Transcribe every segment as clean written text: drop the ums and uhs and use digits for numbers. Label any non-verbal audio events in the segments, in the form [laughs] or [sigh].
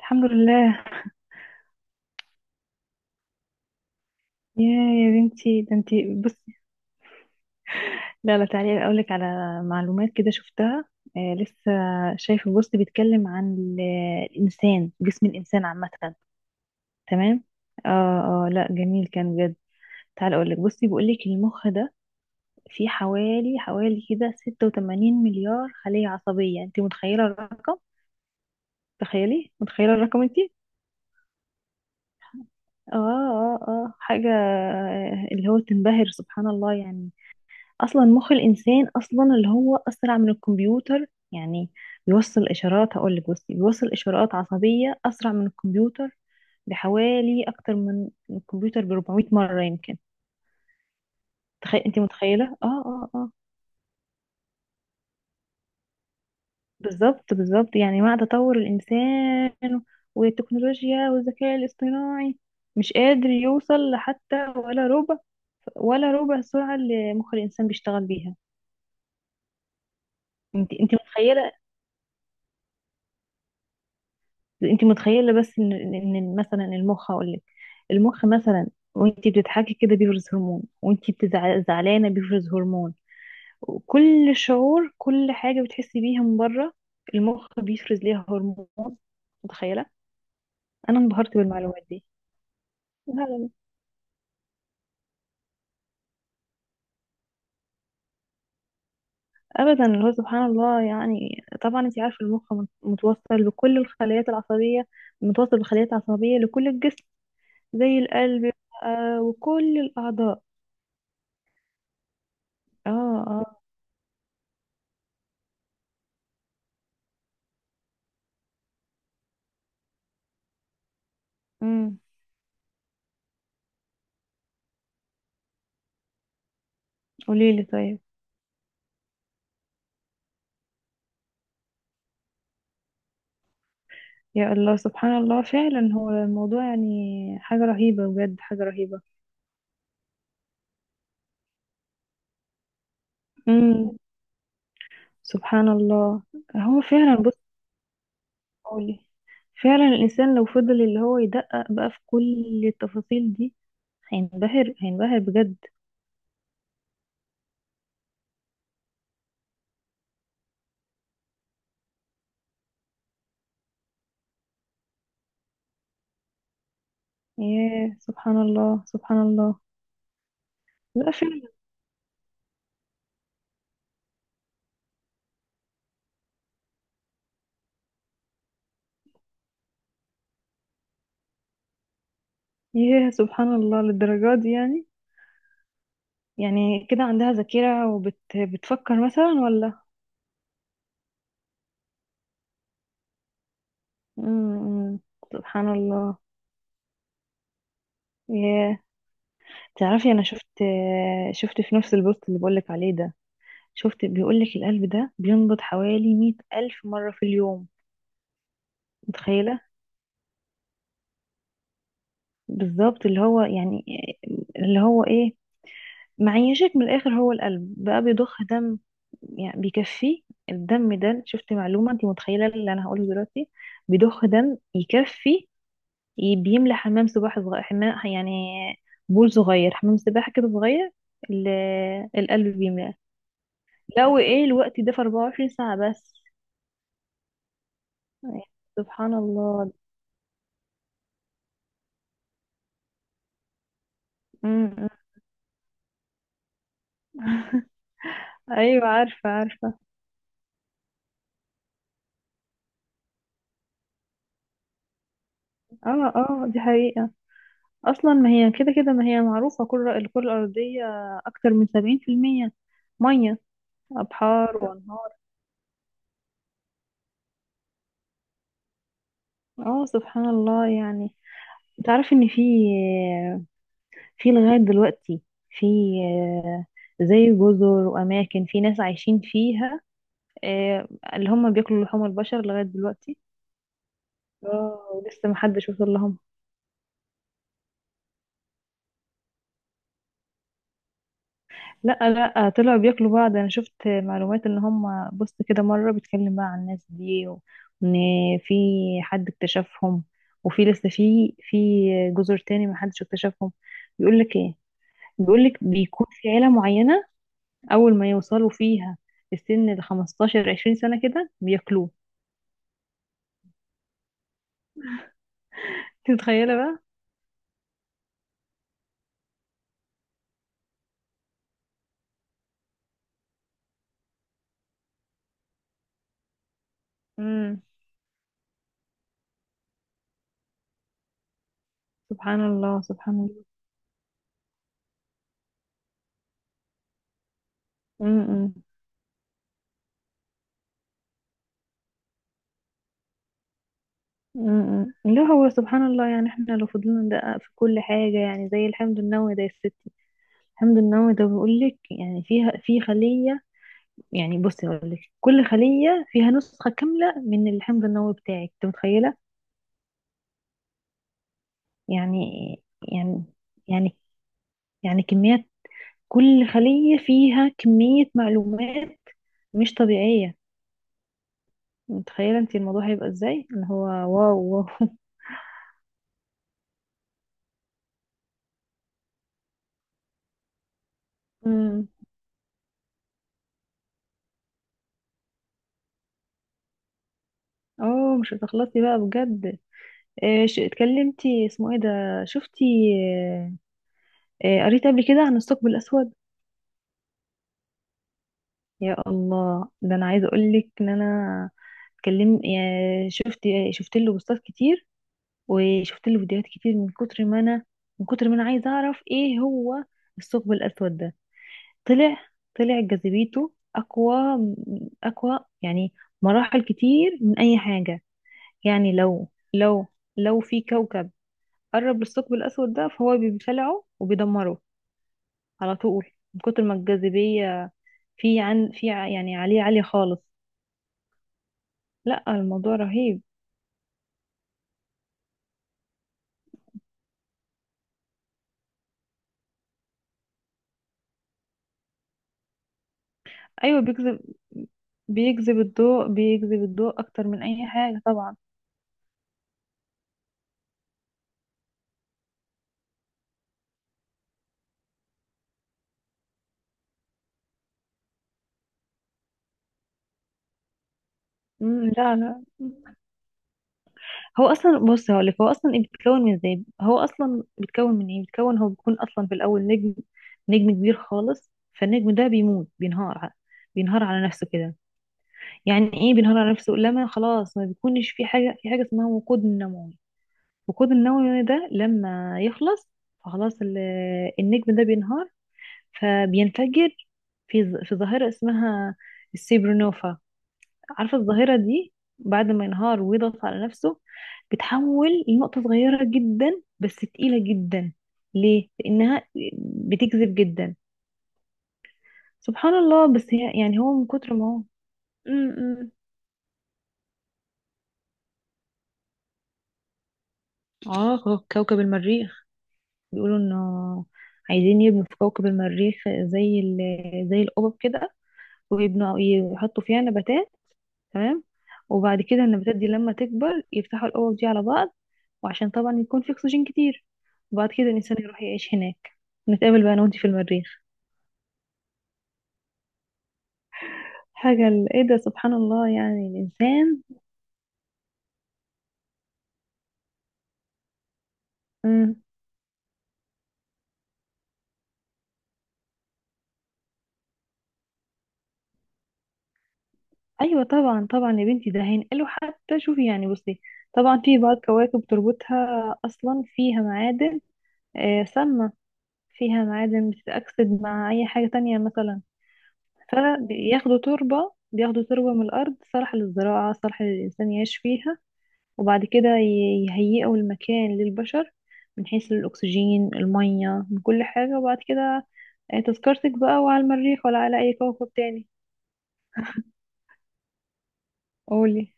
الحمد لله. يا يا بنتي، ده انتي بصي. لا لا، تعالي اقول لك على معلومات كده شفتها. آه، لسه شايفه بوست بيتكلم عن الانسان، جسم الانسان عامه. تمام. اه اه لا، جميل كان بجد. تعالي اقول لك، بصي بيقول لك المخ ده فيه حوالي كده 86 مليار خلية عصبية. انت متخيلة الرقم؟ تخيلي، متخيلة الرقم انتي؟ اه حاجة اللي هو تنبهر، سبحان الله يعني. اصلا مخ الانسان اصلا اللي هو اسرع من الكمبيوتر يعني. بيوصل اشارات، هقول لك بصي، بيوصل اشارات عصبيه اسرع من الكمبيوتر بحوالي، اكتر من الكمبيوتر ب 400 مره يمكن. تخيل، انت متخيله؟ اه. بالظبط بالظبط، يعني مع تطور الانسان والتكنولوجيا والذكاء الاصطناعي، مش قادر يوصل حتى ولا ربع، ولا ربع السرعه اللي مخ الانسان بيشتغل بيها. انت متخيله؟ انت متخيله بس ان ان إن مثلا المخ، هقول لك المخ مثلا، وانت بتضحكي كده بيفرز هرمون، وانت زعلانه بيفرز هرمون، وكل شعور، كل حاجه بتحسي بيها من بره المخ بيفرز ليها هرمون. متخيله؟ انا انبهرت بالمعلومات دي. لا لا لا، ابدا، اللي هو سبحان الله يعني. طبعا انت عارفه المخ متوصل بكل الخلايات العصبيه، متوصل بالخلايا العصبيه لكل الجسم، زي القلب، آه، وكل الاعضاء. اه اه. امم. قولي لي طيب. يا الله، سبحان الله فعلا. هو الموضوع يعني حاجة رهيبة بجد، حاجة رهيبة. امم، سبحان الله. هو فعلا بص، قولي. فعلا الإنسان لو فضل اللي هو يدقق بقى في كل التفاصيل دي، هينبهر، هينبهر بجد. ياه، سبحان الله سبحان الله. لا فعلا. ياه، سبحان الله للدرجة دي يعني؟ يعني كده عندها ذاكرة وبتفكر مثلا ولا؟ امم، سبحان الله. ياه. تعرفي انا شفت، شفت في نفس البوست اللي بقولك عليه ده، شفت بيقولك القلب ده بينبض حوالي 100,000 مرة في اليوم. متخيلة؟ بالظبط، اللي هو يعني، اللي هو ايه، معيشك من الآخر هو القلب بقى، بيضخ دم يعني بيكفي. الدم ده، شفت معلومة، انت متخيلة اللي انا هقوله دلوقتي؟ بيضخ دم يكفي، بيملى حمام سباحة صغير، حمام يعني بول صغير، حمام سباحة كده صغير، ال- القلب بيملاه، لو ايه الوقت ده، في 24 ساعة بس يعني. سبحان الله. امم. ايوه عارفة عارفة. اه اه، دي حقيقة. اصلا ما هي كده كده، ما هي معروفة كل الكرة الارضية اكتر من 70% مية، ابحار وانهار. اه، سبحان الله يعني. تعرف ان في، في لغاية دلوقتي، في زي جزر واماكن في ناس عايشين فيها آه، اللي هم بياكلوا لحوم البشر لغاية دلوقتي. اه، ولسه محدش وصل لهم. لا لا، طلعوا بياكلوا بعض. انا شفت معلومات ان هم، بص كده، مره بيتكلم بقى عن الناس دي، وان في حد اكتشفهم، وفي لسه، في جزر تاني ما حدش اكتشفهم. بيقول لك ايه؟ بيقول لك بيكون في عيله معينه، اول ما يوصلوا فيها السن ال 15 20 سنه كده، بياكلوه. انت متخيله بقى؟ امم، سبحان الله سبحان الله. امم امم. لا هو سبحان الله يعني، احنا لو فضلنا ندقق في كل حاجه، يعني زي الحمض النووي ده يا ستي، الحمض النووي ده بيقول لك، يعني فيها، في خلية، يعني بصي اقول لك، كل خلية فيها نسخة كاملة من الحمض النووي بتاعك. انت متخيلة؟ يعني يعني يعني يعني كميات، كل خلية فيها كمية معلومات مش طبيعية. متخيلة انت الموضوع هيبقى ازاي؟ اللي هو واو واو. [laughs] مم. اه، مش هتخلصي بقى بجد. إيه اتكلمتي اسمه ايه ده، شفتي؟ آه، قريت قبل كده عن الثقب الاسود. يا الله، ده انا عايزه اقول لك ان انا، اتكلم شفت، شفت له بوستات كتير، وشفت له فيديوهات كتير، من كتر ما انا، من كتر ما انا عايزه اعرف ايه هو الثقب الاسود ده. طلع، طلع جاذبيته اقوى، اقوى يعني مراحل كتير من اي حاجه. يعني لو في كوكب قرب للثقب الاسود ده، فهو بيبلعه وبيدمره على طول، من كتر ما الجاذبيه، في عن في ع- يعني عليه عالية خالص. لا الموضوع رهيب. ايوه بيجذب، بيجذب الضوء، بيجذب الضوء اكتر من اي حاجه طبعا. لا لا. هو اصلا بص هقولك، هو اصلا إيه بيتكون، من ازاي، هو اصلا بيتكون من ايه، بيتكون هو، بيكون اصلا في الاول نجم، نجم كبير خالص. فالنجم ده بيموت، بينهار بينهار على نفسه كده. يعني ايه بينهار على نفسه؟ لما خلاص ما بيكونش في حاجه، في حاجه اسمها وقود النووي، الوقود النووي ده لما يخلص، فخلاص النجم ده بينهار، فبينفجر في في ظاهرة اسمها السيبرونوفا. عارفة الظاهرة دي؟ بعد ما ينهار ويضغط على نفسه، بتحول لنقطة صغيرة جدا بس تقيلة جدا. ليه؟ لأنها بتجذب جدا، سبحان الله. بس هي يعني، هو من كتر ما هو، م- م. اه، كوكب المريخ، بيقولوا انه عايزين يبنوا في كوكب المريخ زي زي القبب كده، ويبنوا يحطوا فيها نباتات، تمام، وبعد كده النباتات دي لما تكبر يفتحوا الأوعية دي على بعض، وعشان طبعا يكون في أكسجين كتير، وبعد كده الإنسان يروح يعيش هناك. نتقابل بقى أنا وأنتي في المريخ. حاجة إيه ده، سبحان الله يعني الإنسان. مم. أيوة طبعا طبعا يا بنتي، ده هينقله حتى. شوفي يعني، بصي، طبعا في بعض كواكب تربطها أصلا فيها معادن، آه، سامة، فيها معادن بتتأكسد مع أي حاجة تانية مثلا، فبياخدوا تربة، بياخدوا تربة من الأرض صالحة للزراعة، صالحة للإنسان يعيش فيها، وبعد كده يهيئوا المكان للبشر من حيث الأكسجين، المية، من كل حاجة، وبعد كده آه، تذكرتك بقى وعلى المريخ ولا على أي كوكب تاني. قولي.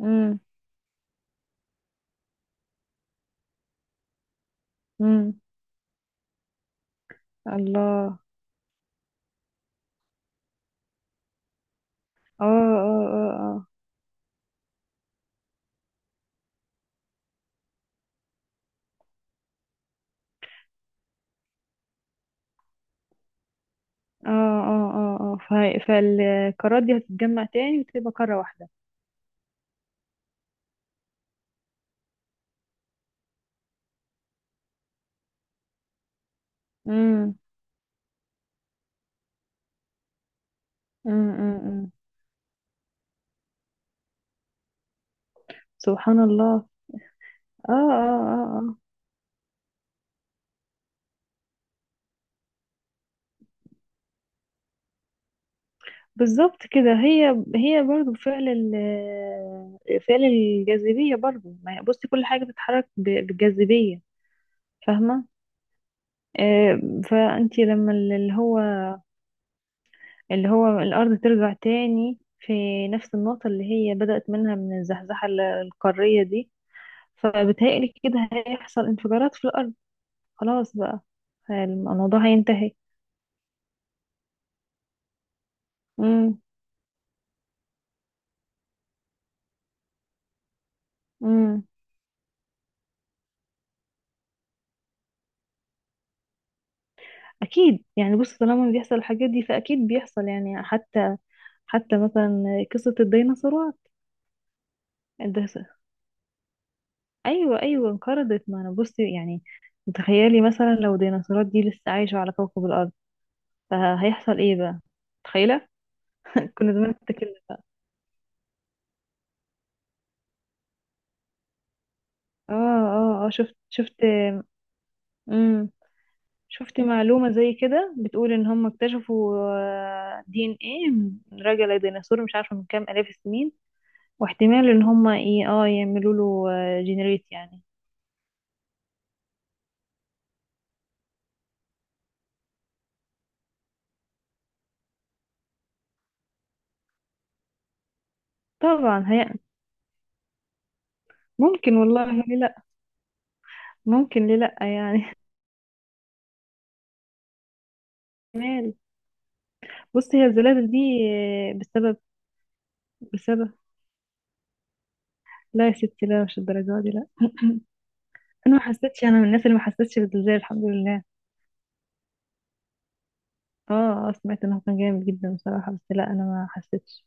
امم، امم. الله. اه اه اه اه اه فالقارات دي هتتجمع تاني وتبقى قارة واحدة. امم أمم. سبحان الله. اه. بالظبط كده، هي، هي برضو فعل فعل الجاذبية برضو، ما هي، بصي كل حاجة بتتحرك بالجاذبية. فاهمة؟ آه، فأنتي لما اللي هو، اللي هو الأرض ترجع تاني في نفس النقطة اللي هي بدأت منها، من الزحزحة القارية دي، فبتهيألي كده هيحصل انفجارات في الأرض، خلاص بقى الموضوع هينتهي. امم امم أكيد يعني. بصي، طالما بيحصل الحاجات دي، فأكيد بيحصل يعني، حتى، حتى مثلا قصة الديناصورات. الدس- أيوة أيوة انقرضت، ما أنا بصي يعني، تخيلي مثلا لو الديناصورات دي لسه عايشة على كوكب الأرض، فهيحصل إيه بقى؟ متخيلة؟ كنا زمان اتكلنا. اه شفت، شفت، امم، شفت معلومة زي كده بتقول إن هم اكتشفوا آه، دي إن إيه راجع لديناصور مش عارفة من كام آلاف السنين، واحتمال إن هم إيه، اه، يعملوا له جنريت يعني. طبعا هي. ممكن والله، ليه لأ، ممكن ليه لأ يعني. [laughs] احتمال. بصي هي الزلازل دي آه، بسبب، بسبب. لا يا ستي لا، مش الدرجة دي لا. انا ما حسيتش، انا من الناس اللي ما حسيتش بالزلزال، الحمد لله. اه، آه، سمعت انه كان جامد جدا بصراحة، بس لا انا ما حسيتش.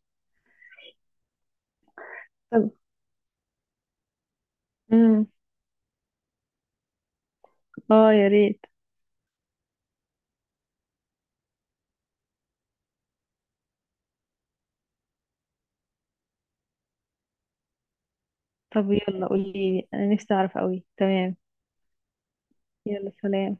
طب. امم. اه يا ريت. طب يلا قولي لي، انا نفسي اعرف قوي. تمام. يلا سلام.